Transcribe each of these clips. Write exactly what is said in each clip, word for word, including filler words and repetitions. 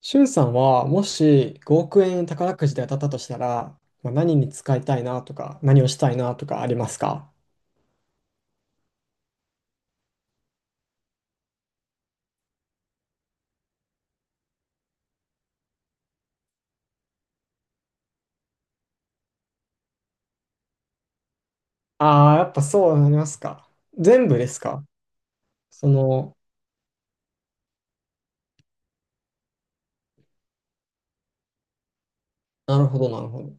しゅんさんは、もしごおく円宝くじで当たったとしたら、まあ、何に使いたいなとか、何をしたいなとかありますか？ああー、やっぱそうなりますか。全部ですか？その、なるほど、なるほど。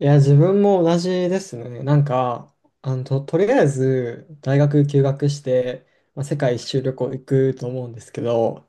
いや、自分も同じですね。なんか、あの、と、とりあえず、大学休学して、まあ、世界一周旅行行くと思うんですけど、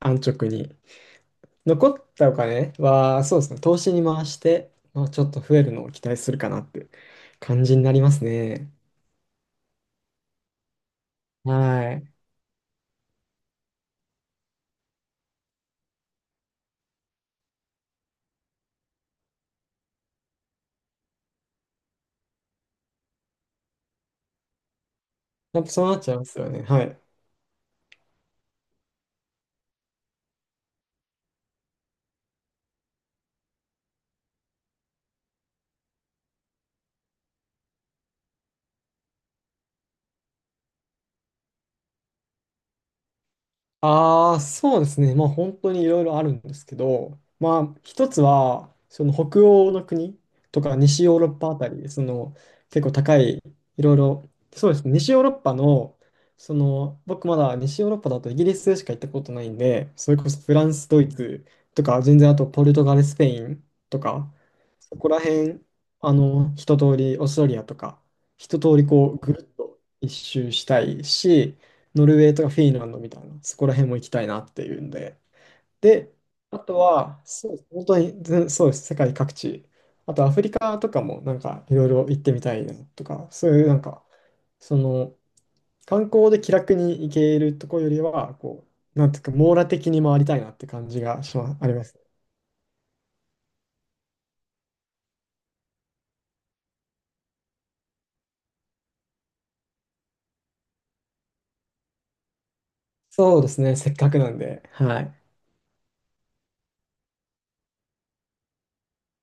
安直に。残ったお金は、そうですね、投資に回して、まあ、ちょっと増えるのを期待するかなって感じになりますね。はい。やっぱそうなっちゃいますよね。はい。ああ、そうですね。まあ本当にいろいろあるんですけど、まあ一つは、その北欧の国とか西ヨーロッパあたり、その結構高い、いろいろ、そうですね。西ヨーロッパの、その僕まだ西ヨーロッパだとイギリスしか行ったことないんで、それこそフランス、ドイツとか、全然あとポルトガル、スペインとか、そこら辺、あの、一通り、オーストラリアとか、一通りこう、ぐるっと一周したいし、ノルウェーとかフィンランドみたいな、そこら辺も行きたいなっていうんで。で、あとは、そう、本当に、全そうです、世界各地。あとアフリカとかもなんかいろいろ行ってみたいなとか、そういうなんか、その、観光で気楽に行けるとこよりは、こう、なんていうか、網羅的に回りたいなって感じがしま、あります。そうですね、せっかくなんで、はい。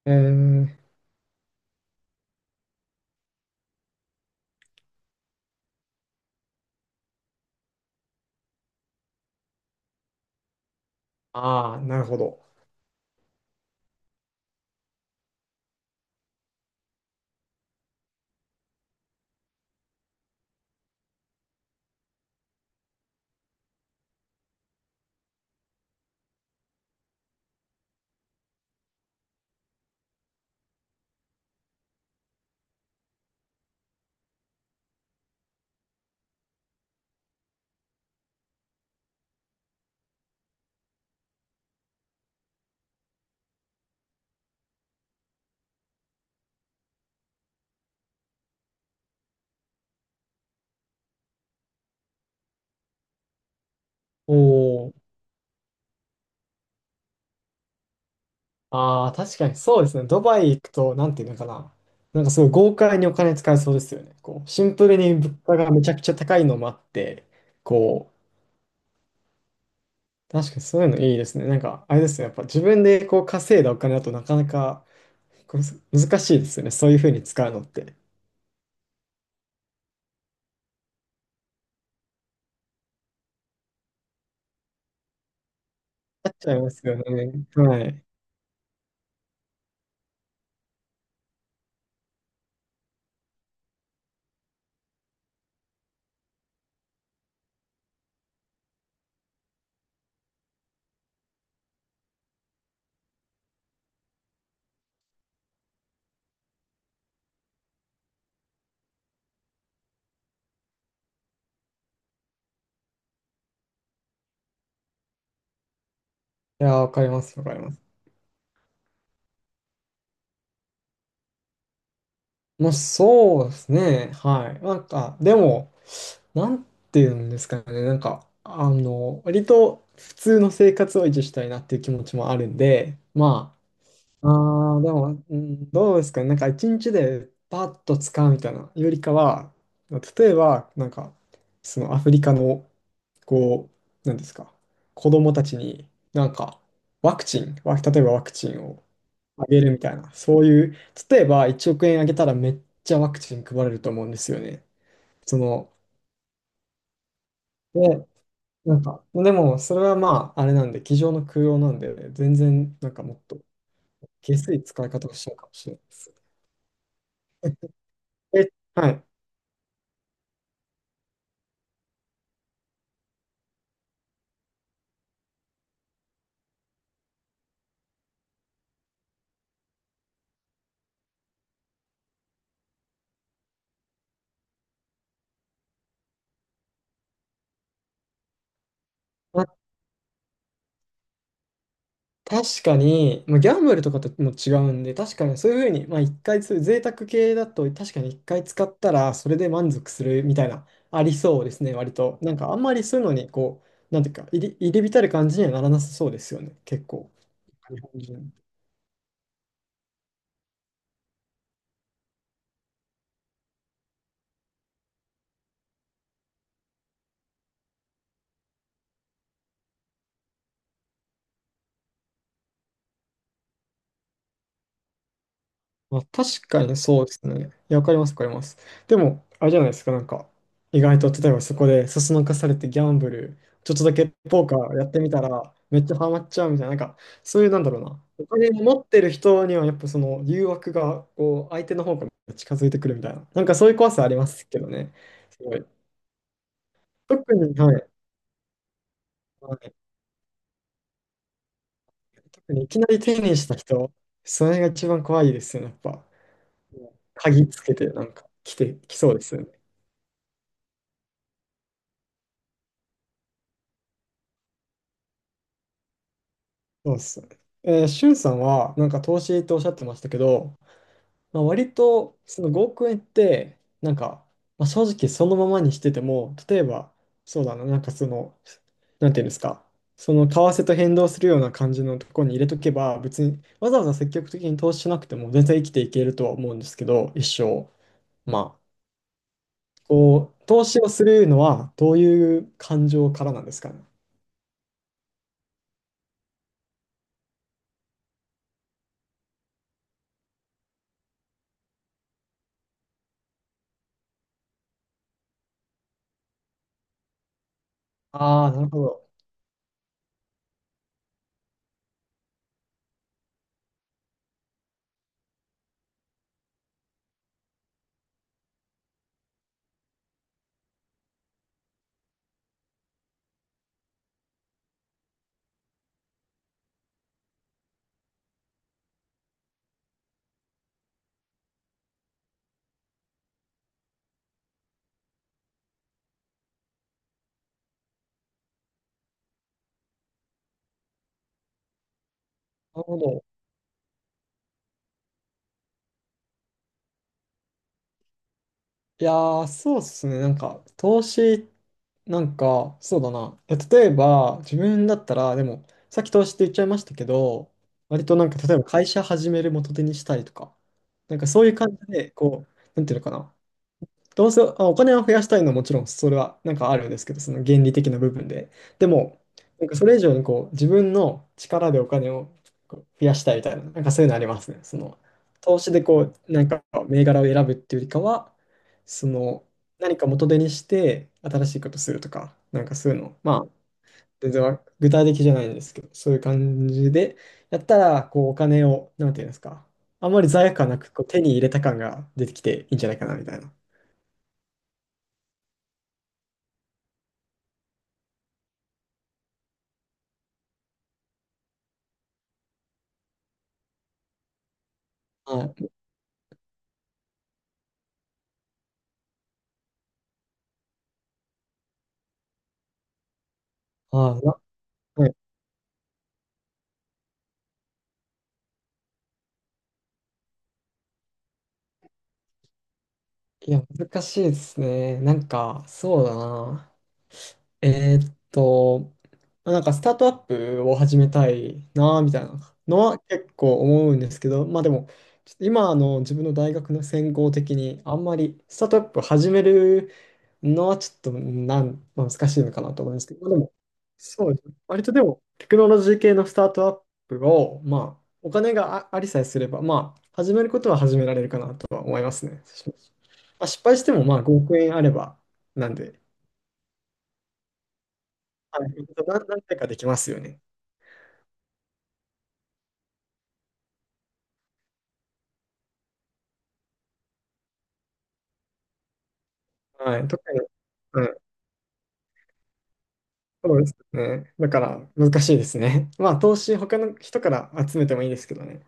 えー、ああ、なるほど。おああ、確かにそうですね。ドバイ行くと、なんていうのかな。なんかすごい豪快にお金使えそうですよね。こう、シンプルに物価がめちゃくちゃ高いのもあって、こう、確かにそういうのいいですね。なんか、あれですね。やっぱ自分でこう稼いだお金だとなかなかこう難しいですよね。そういうふうに使うのって。なっちゃいますよね。はい。いやー、わかります、わかります。もうそうですね。はい。なんか、でも、なんていうんですかね、なんか、あの、割と普通の生活を維持したいなっていう気持ちもあるんで、まあ、あーでも、うん、どうですかね、なんか一日でパッと使うみたいなよりかは、例えば、なんか、そのアフリカの、こう、なんですか、子供たちに、なんか、ワクチン、わ例えばワクチンをあげるみたいな、そういう、例えばいちおく円あげたらめっちゃワクチン配れると思うんですよね。その、でなんか、でも、それはまあ、あれなんで、机上の空用なんでね、全然、なんかもっと下水使い方をしちゃうかもしれないです。え、はい。まあ、確かに、まあ、ギャンブルとかとも違うんで、確かにそういうふうに、まあ、一回そういう贅沢系だと、確かに一回使ったら、それで満足するみたいな、ありそうですね、割と。なんか、あんまりそういうのに、こう、なんていうか、入り、入り浸る感じにはならなさそうですよね、結構。日本人。まあ、確かにそうですね。いや、わかります、わかります。でも、あれじゃないですか、なんか、意外と、例えばそこで、そそのかされてギャンブル、ちょっとだけポーカーやってみたら、めっちゃハマっちゃうみたいな、なんか、そういう、なんだろうな、お金を持ってる人には、やっぱその誘惑が、こう、相手の方から近づいてくるみたいな、なんかそういう怖さありますけどね。すごい。特に、はい。はい、特にいきなり手にした人、それが一番怖いですよね、やっぱ。鍵つけて、なんか、来て、来そうですよね。そうっすね。えー、シュンさんは、なんか投資っておっしゃってましたけど、まあ、割と、そのごおく円って、なんか、まあ、正直そのままにしてても、例えば、そうだな、なんかその、なんていうんですか、その為替と変動するような感じのところに入れとけば、別にわざわざ積極的に投資しなくても全然生きていけるとは思うんですけど、一生。まあ、こう、投資をするのは、どういう感情からなんですかね？ああ、なるほど。なるほど。いやー、そうっすね。なんか、投資、なんか、そうだな。え例えば、自分だったら、でも、さっき投資って言っちゃいましたけど、割となんか、例えば会社始める元手にしたりとか、なんかそういう感じで、こう、なんていうのかな。どうせ、あ、お金は増やしたいのはもちろんそれはなんかあるんですけど、その原理的な部分で。でも、なんかそれ以上にこう自分の力でお金をこう増やしたいみたいな、なんかそういうのありますね。その投資でこう、なんか銘柄を選ぶっていうよりかは、その何か元手にして新しいことするとか、なんかそういうの、まあ、全然わ具体的じゃないんですけど、そういう感じでやったら、こうお金を、なんていうんですか、あんまり罪悪感なくこう手に入れた感が出てきていいんじゃないかなみたいな。はい。ああ、なはい。いや、難しいですね。なんか、そうだな。えーっと、まあなんかスタートアップを始めたいな、みたいなのは結構思うんですけど、まあでも、ちょっと今の自分の大学の専攻的に、あんまりスタートアップ始めるのはちょっとなん、まあ難しいのかなと思いますけど、まあでも、そうですね。割とでも、テクノロジー系のスタートアップを、まあ、お金があ、ありさえすれば、まあ、始めることは始められるかなとは思いますね。まあ、失敗しても、まあ、ごおく円あれば、なんで、はい、な何回かできますよね。はい、特に、はい、そうですね。だから、難しいですね。まあ、投資、他の人から集めてもいいですけどね。